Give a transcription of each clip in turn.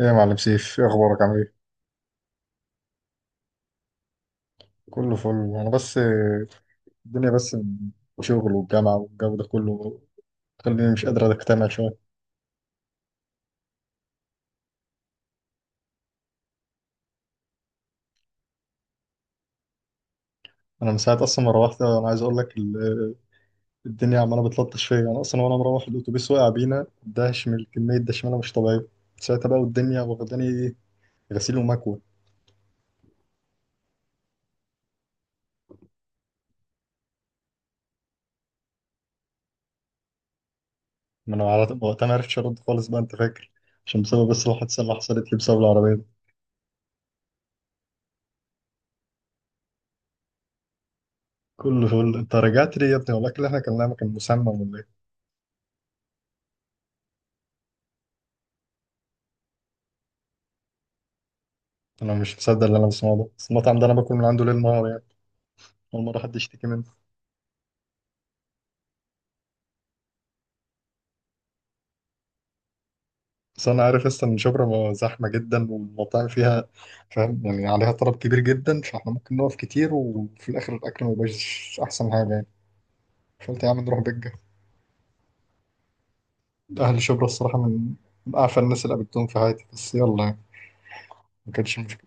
ايه يا معلم سيف، ايه اخبارك؟ عامل ايه؟ كله فل. انا بس الدنيا بس، شغل والجامعه والجو ده كله خليني مش قادر اجتمع شويه. انا من ساعه اصلا ما روحت. انا عايز اقول لك الدنيا عماله بتلطش فيا انا اصلا. وانا مروح الاتوبيس وقع بينا دهش من كميه دشمله مش طبيعيه. ساعتها بقى والدنيا واخداني ايه، غسيل ومكوى. ما انا على- وقتها ما عرفتش ارد خالص بقى، انت فاكر؟ عشان بسبب بس الحادثه اللي حصلت لي بسبب العربيه دي. كله فل. انت رجعت ليه يا ابني؟ ولا الاكل اللي احنا كلناه ما كان مسمم ولا ايه؟ انا مش مصدق اللي انا بسمعه ده، بس المطعم ده انا باكل من عنده ليل نهار يعني. اول مره حد يشتكي منه. بس انا عارف لسه ان شبرا زحمه جدا والمطاعم فيها، فاهم يعني؟ عليها طلب كبير جدا، فاحنا ممكن نقف كتير وفي الاخر الاكل ما يبقاش احسن حاجه يعني. فقلت يا عم نروح بجه. اهل شبرا الصراحه، من اعفى الناس اللي قابلتهم في حياتي، بس يلا يعني. ما كانتش مشكله.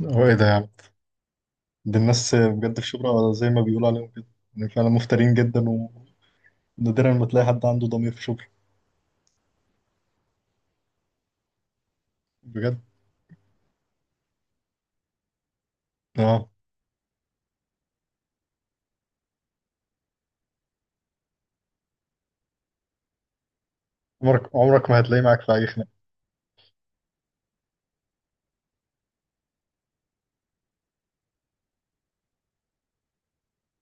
هو ايه ده يعني؟ دي الناس بجد في شبرا زي ما بيقولوا عليهم كده. يعني فعلا مفترين جدا، ونادرا ما تلاقي حد عنده ضمير في شبرا، بجد. اه. عمرك ما هتلاقيه معاك في اي خناقه.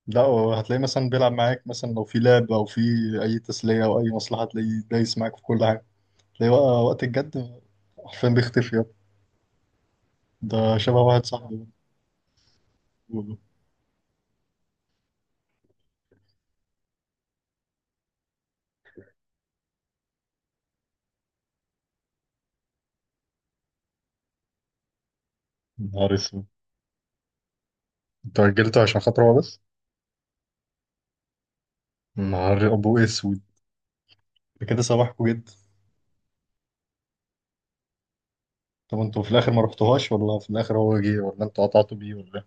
لا، هو هتلاقيه مثلا بيلعب معاك، مثلا لو في لعب او في اي تسليه او اي مصلحه تلاقيه دايس معاك في كل حاجه، تلاقيه بقى وقت الجد حرفيا بيختفي يابا. ده شبه واحد صاحبي. نهار اسود. انتوا اجلتوا عشان خاطر هو بس؟ نهار ابو اسود. ده كده صباحكوا جدا. طب انتوا في الاخر ما رحتوهاش، ولا في الاخر هو جه، ولا انتوا قطعتوا بيه، ولا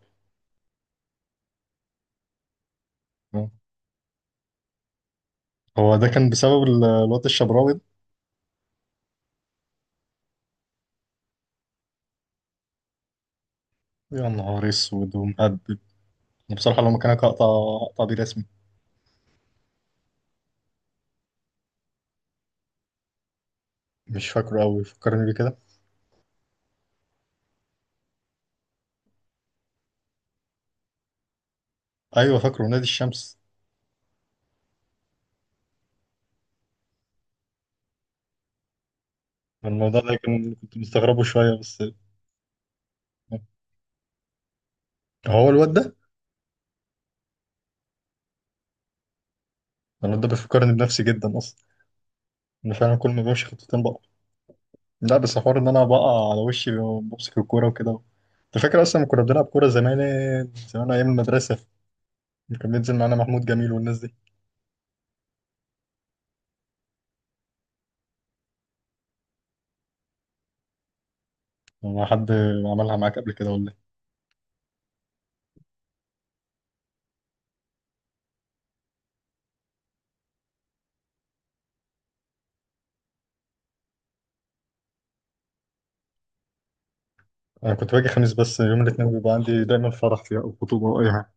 إيه؟ هو ده كان بسبب الواد الشبراوي ده؟ يا نهار اسود ومهبب. انا بصراحه لو مكانك هقطع بيه رسمي. مش فاكره قوي، فكرني بيه كده. ايوه، فاكره نادي الشمس. الموضوع ده كان كنت مستغربه شوية بس. هو الواد ده. الواد ده بيفكرني بنفسي جدا أصلا. أنا فعلا كل ما بمشي خطوتين بقع. لا بس حوار إن أنا بقع على وشي، بمسك الكورة وكده. أنت فاكر أصلا لما كنا بنلعب كورة زمان؟ زمان أيام المدرسة كان بينزل معانا محمود جميل والناس دي. ما حد عملها معاك قبل كده ولا إيه؟ أنا كنت باجي خميس بس. يوم الاثنين بيبقى عندي دايما فرح فيها أو خطوبة أو أي حاجة.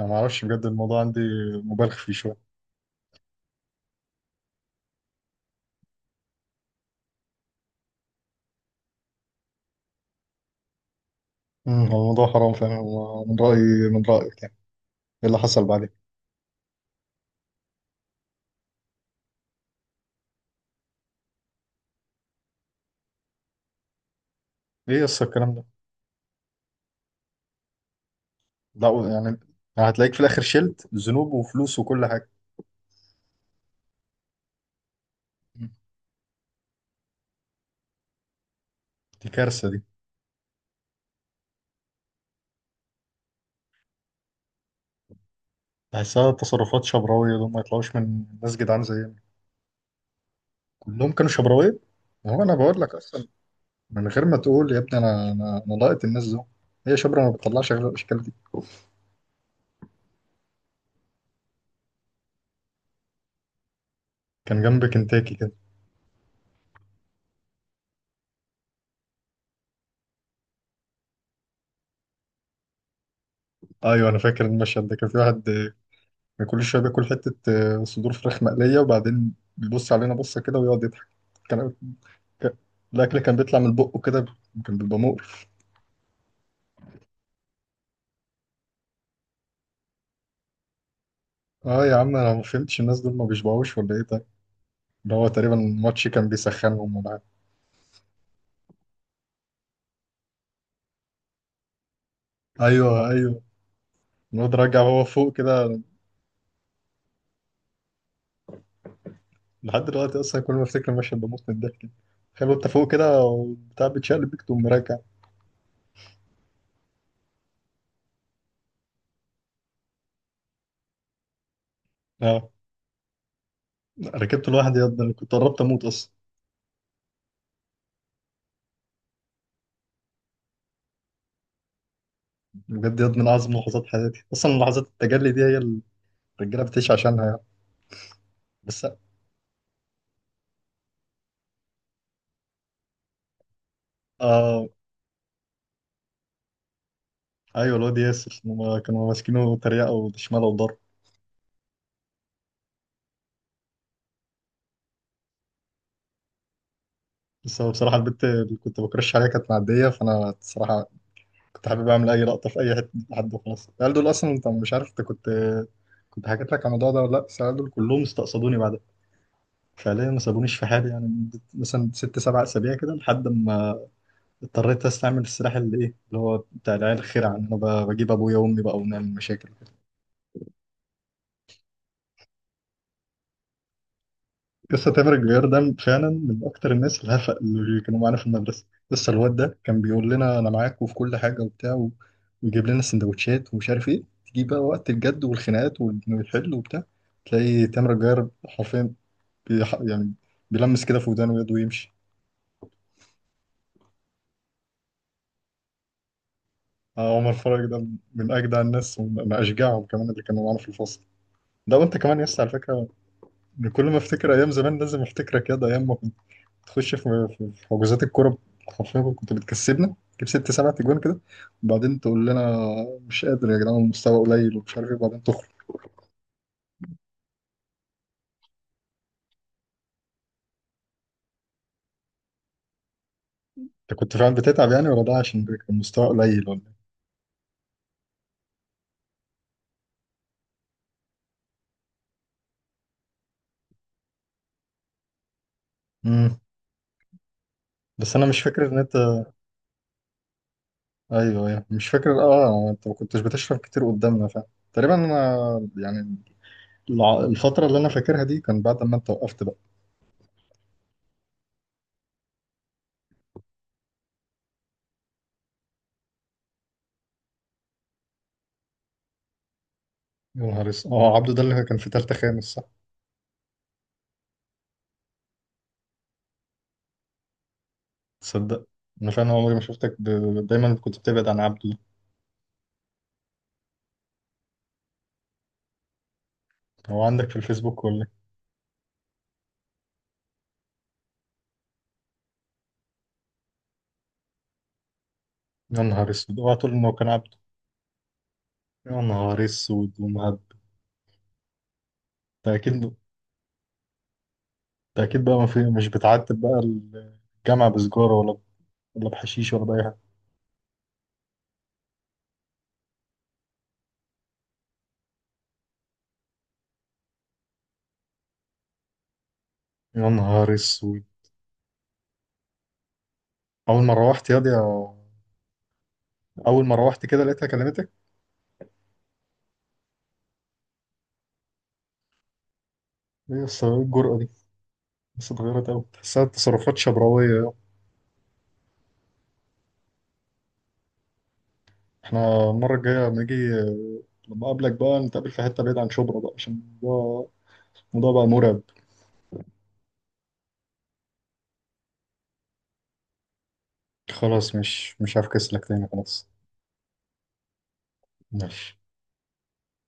أنا معرفش، بجد الموضوع عندي مبالغ فيه شوية. هو الموضوع حرام فعلا، هو من رأيي، من رأيك يعني. إيه اللي حصل بعدين؟ ايه يس الكلام ده؟ لا يعني هتلاقيك في الاخر شلت ذنوب وفلوس وكل حاجه. مم. دي كارثه دي. بحسها تصرفات شبراويه، دول ما يطلعوش من ناس جدعان زينا. كلهم كانوا شبراويه. هو انا بقول لك اصلا، من غير ما تقول يا ابني، انا لقيت الناس دول. هي شبرا ما بتطلعش غير الاشكال دي. كان جنب كنتاكي كده. ايوه انا فاكر المشهد ده. كان في واحد كل شويه بياكل حته صدور فراخ مقليه وبعدين بيبص علينا بصه كده ويقعد يضحك. كان كان- الاكل كان بيطلع من بقه كده، كان بيبقى مقرف. اه يا عم انا ما فهمتش، الناس دول ما بيشبعوش ولا ايه ده؟ ده هو تقريبا الماتش كان بيسخنهم ولا حاجة. ايوه ايوه، الواد راجع وهو فوق كده. لحد دلوقتي اصلا كل ما افتكر المشهد بموت من الضحك. تخيل انت فوق كده وبتاع بتشقلب بيك تقوم راجع. اه. ركبت لوحدي يا ابني، انا كنت قربت اموت اصلا. بجد يا ابني من اعظم لحظات حياتي اصلا، لحظات التجلي دي هي اللي الرجاله بتعيش عشانها يعني. بس. اه ايوه الواد ياسر هما كانوا ماسكينه تريقه وشماله وضرب. بس هو بصراحه البنت اللي كنت بكرش عليها كانت معديه، فانا الصراحه كنت حابب اعمل اي لقطه في اي حته، لحد خلاص. العيال دول اصلا، انت مش عارف، انت كنت، كنت حكيت لك على الموضوع ده ولا لا، بس العيال دول كلهم استقصدوني بعدها، فعليا ما سابونيش في حالي يعني مدة مثلا ست سبع اسابيع كده، لحد ما اضطريت استعمل السلاح اللي ايه، اللي هو بتاع العيال الخير، عن انا بجيب ابويا وامي بقى ونعمل مشاكل. قصة تامر الجوير ده فعلا من أكتر الناس الهفق اللي كانوا معانا في المدرسة. لسه الواد ده كان بيقول لنا أنا معاك وفي كل حاجة وبتاع ويجيب لنا سندوتشات ومش عارف إيه، تيجي بقى وقت الجد والخناقات والحل وبتاع تلاقي تامر الجوير حرفيا يعني بيلمس كده في ودانه ويده ويمشي. عمر فرج ده من أجدع الناس ومن أشجعهم كمان اللي كانوا معانا في الفصل، ده وأنت كمان يس على فكرة. إن كل ما أفتكر أيام زمان لازم أفتكرك، يا ده أيام ما تخش في- حجوزات الكوره حرفيا كنت بتكسبنا، تجيب ست سبع تجوان كده، وبعدين تقول لنا مش قادر يا جدعان، المستوى قليل ومش عارف ايه، وبعدين تخرج. انت كنت فعلا بتتعب يعني، ولا ده عشان كان المستوى قليل ولا إيه؟ امم. بس انا مش فاكر ان انت، ايوه ايوه مش فاكر، اه انت ما كنتش بتشرب كتير قدامنا فعلا. تقريبا انا، يعني الفتره اللي انا فاكرها دي كان بعد ما انت وقفت بقى. يا نهار اسود، اه عبده ده اللي كان في تالتة خامس، صح؟ تصدق، انا فعلا عمري ما شفتك دايما كنت بتبعد عن عبده. هو عندك في الفيسبوك ولا؟ يا نهار اسود، اوعى تقول انه كان عبده. يا نهار اسود ومهب. ده اكيد، ده اكيد بقى. ما في، مش بتعتب بقى الجامعه بسجاره ولا، ولا بحشيش ولا باي حاجه؟ يا نهار اسود. اول ما روحت ياض يا، اول ما روحت كده لقيتها كلمتك. ايه يا اسطى، ايه الجرأه دي؟ بس اتغيرت قوي، تحسها تصرفات شبراويه. احنا المره الجايه لما اجي، لما اقابلك بقى، نتقابل في حته بعيد عن شبرا بقى، عشان الموضوع، الموضوع بقى مرعب. خلاص مش هفكس لك تاني، خلاص. ماشي.